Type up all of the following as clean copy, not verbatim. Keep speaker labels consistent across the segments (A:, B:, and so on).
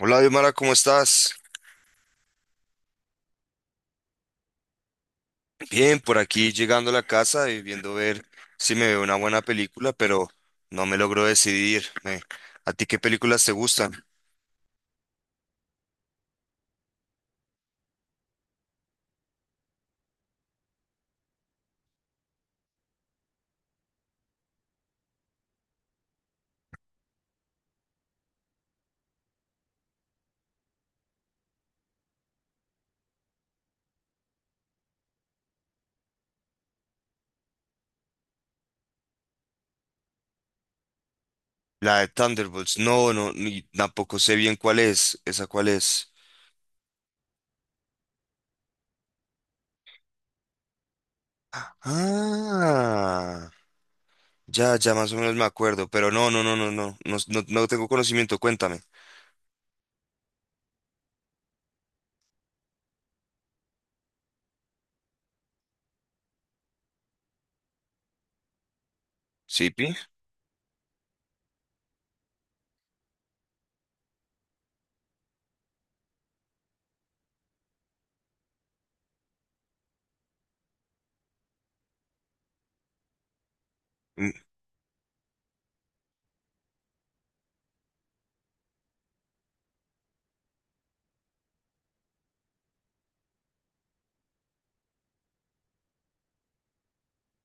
A: Hola, Diomara, ¿cómo estás? Bien, por aquí llegando a la casa y viendo ver si me veo una buena película, pero no me logro decidir. ¿A ti qué películas te gustan? La de Thunderbolts. No, no, ni tampoco sé bien cuál es. ¿Esa cuál es? Ah, ya, ya más o menos me acuerdo, pero no, no, no, no, no, no, no, no tengo conocimiento, cuéntame. ¿Sí, Pi? Mm.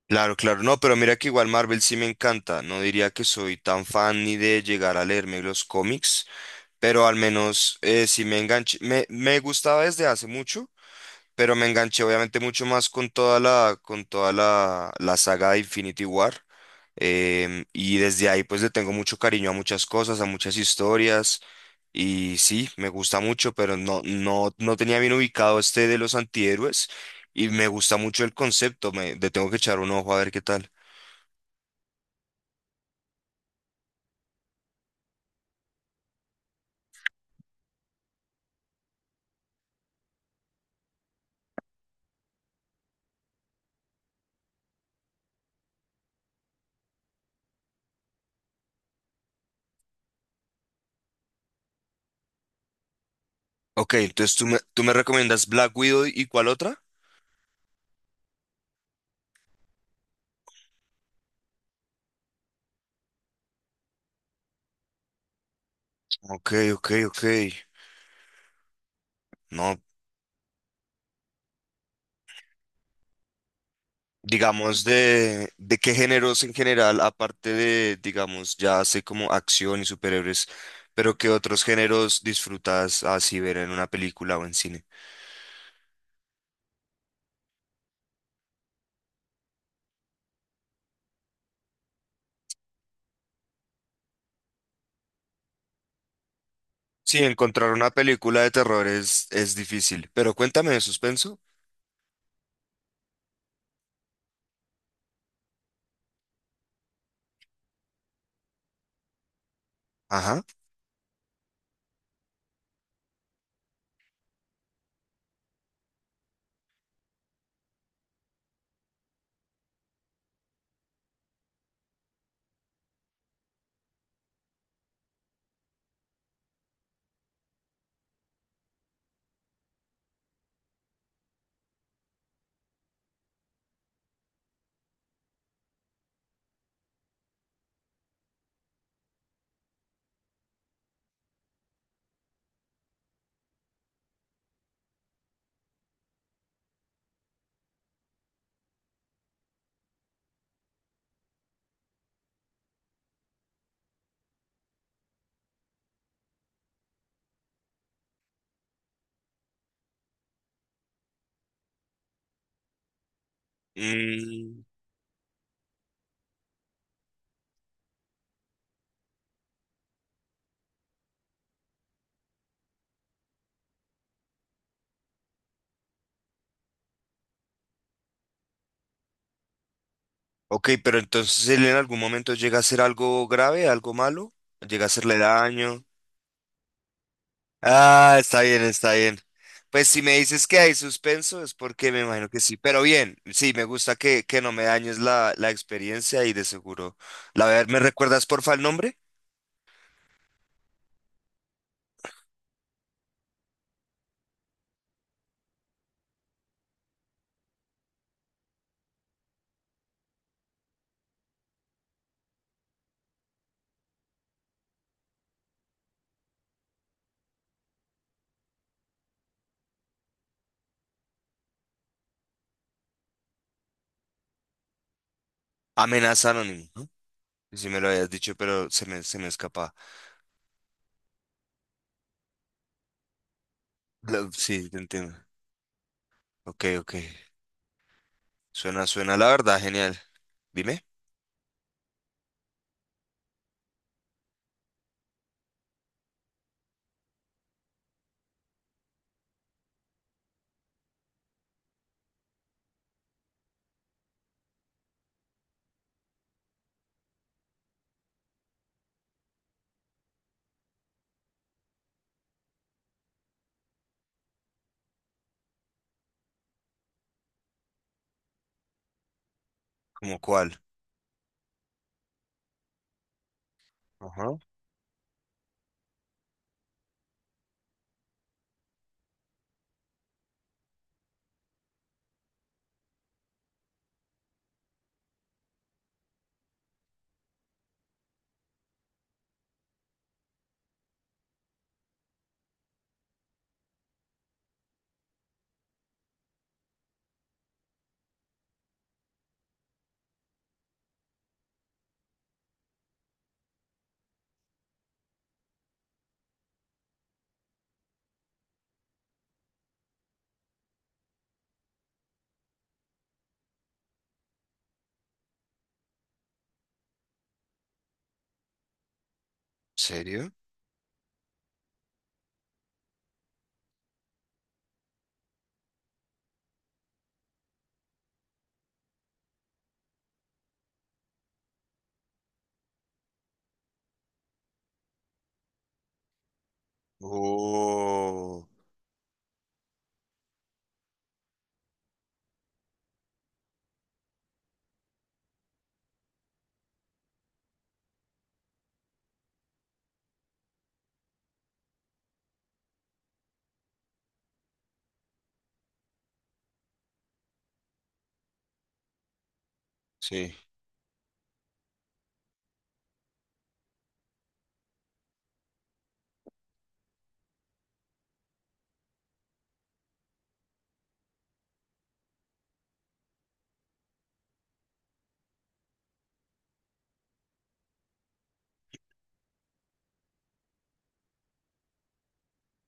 A: Claro, claro, no, pero mira que igual Marvel sí me encanta. No diría que soy tan fan ni de llegar a leerme los cómics. Pero al menos sí me enganché, me gustaba desde hace mucho, pero me enganché obviamente mucho más con toda con toda la saga de Infinity War. Y desde ahí pues le tengo mucho cariño a muchas cosas, a muchas historias. Y sí, me gusta mucho, pero no, no, no tenía bien ubicado este de los antihéroes. Y me gusta mucho el concepto, me, le tengo que echar un ojo a ver qué tal. Ok, entonces tú me recomiendas Black Widow, ¿y cuál otra? Ok, ok, ok. No. Digamos, de qué géneros en general, aparte de, digamos, ya así como acción y superhéroes, pero qué otros géneros disfrutas así ver en una película o en cine. Sí, encontrar una película de terror es difícil, pero cuéntame de suspenso. Ajá. Mm, ok, pero entonces él en algún momento llega a ser algo grave, algo malo, llega a hacerle daño. Ah, está bien, está bien. Pues si me dices que hay suspenso es porque me imagino que sí. Pero bien, sí, me gusta que no me dañes la, la experiencia y de seguro. La verdad, ¿me recuerdas porfa el nombre? Amenaza Anónimo, ¿no? Si me lo habías dicho, pero se me escapa. Lo- sí, te entiendo. Ok, ok. Suena, suena la verdad, genial. Dime, ¿cómo cuál? Ajá. ¿Serio? Oh, sí.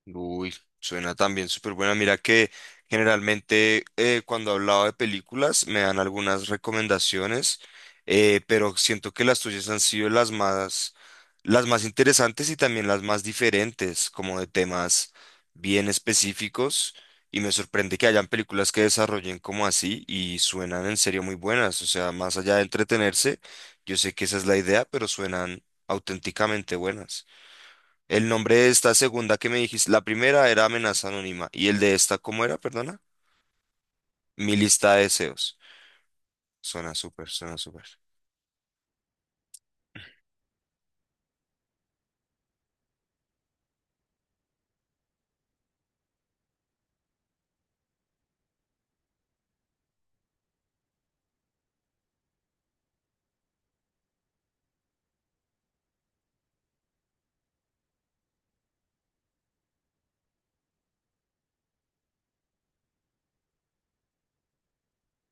A: Uy, suena también súper buena. Mira que generalmente cuando hablaba de películas me dan algunas recomendaciones, pero siento que las tuyas han sido las más interesantes y también las más diferentes, como de temas bien específicos. Y me sorprende que hayan películas que desarrollen como así y suenan en serio muy buenas. O sea, más allá de entretenerse, yo sé que esa es la idea, pero suenan auténticamente buenas. El nombre de esta segunda que me dijiste, la primera era Amenaza Anónima. ¿Y el de esta cómo era, perdona? Mi lista de deseos. Suena súper, suena súper.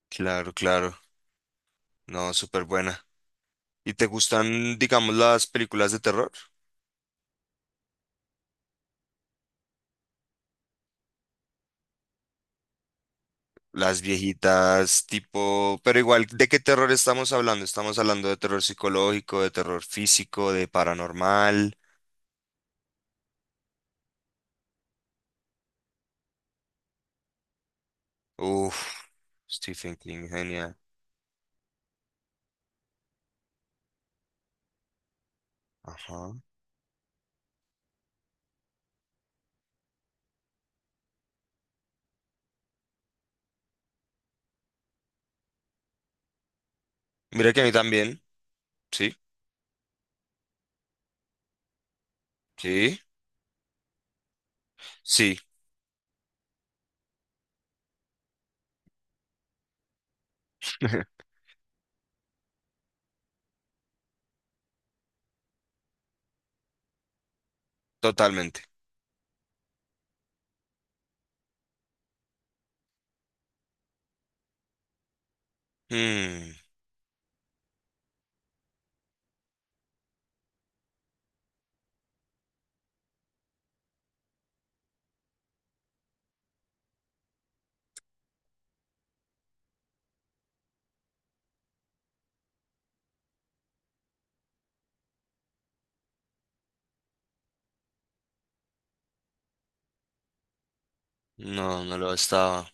A: Claro, claro. No, súper buena. ¿Y te gustan, digamos, las películas de terror? Las viejitas, tipo... Pero igual, ¿de qué terror estamos hablando? Estamos hablando de terror psicológico, de terror físico, de paranormal. Uf, Stephen King, genial. Ajá. Mira que a mí también. Sí, sí, sí, totalmente. Mm. No, no lo estaba.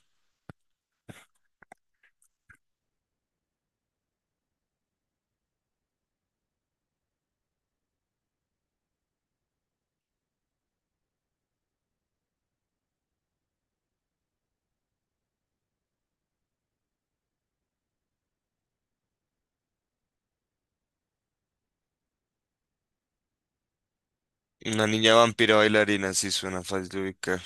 A: Una niña vampiro bailarina, sí suena fácil de ubicar.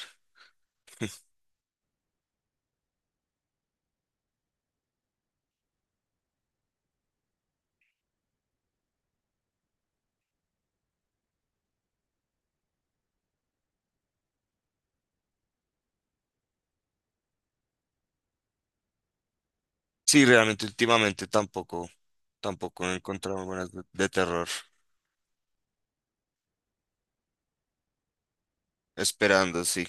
A: Sí, realmente últimamente tampoco, tampoco he encontrado buenas de terror. Esperando, sí.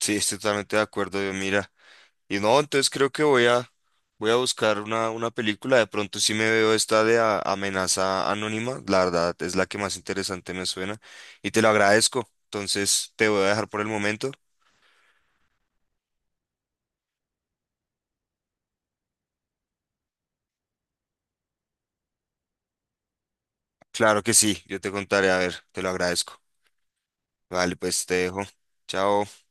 A: Sí, estoy totalmente de acuerdo, yo mira. Y no, entonces creo que voy a buscar una película. De pronto sí me veo esta de Amenaza Anónima. La verdad es la que más interesante me suena. Y te lo agradezco. Entonces te voy a dejar por el momento. Claro que sí, yo te contaré. A ver, te lo agradezco. Vale, pues te dejo. Chao.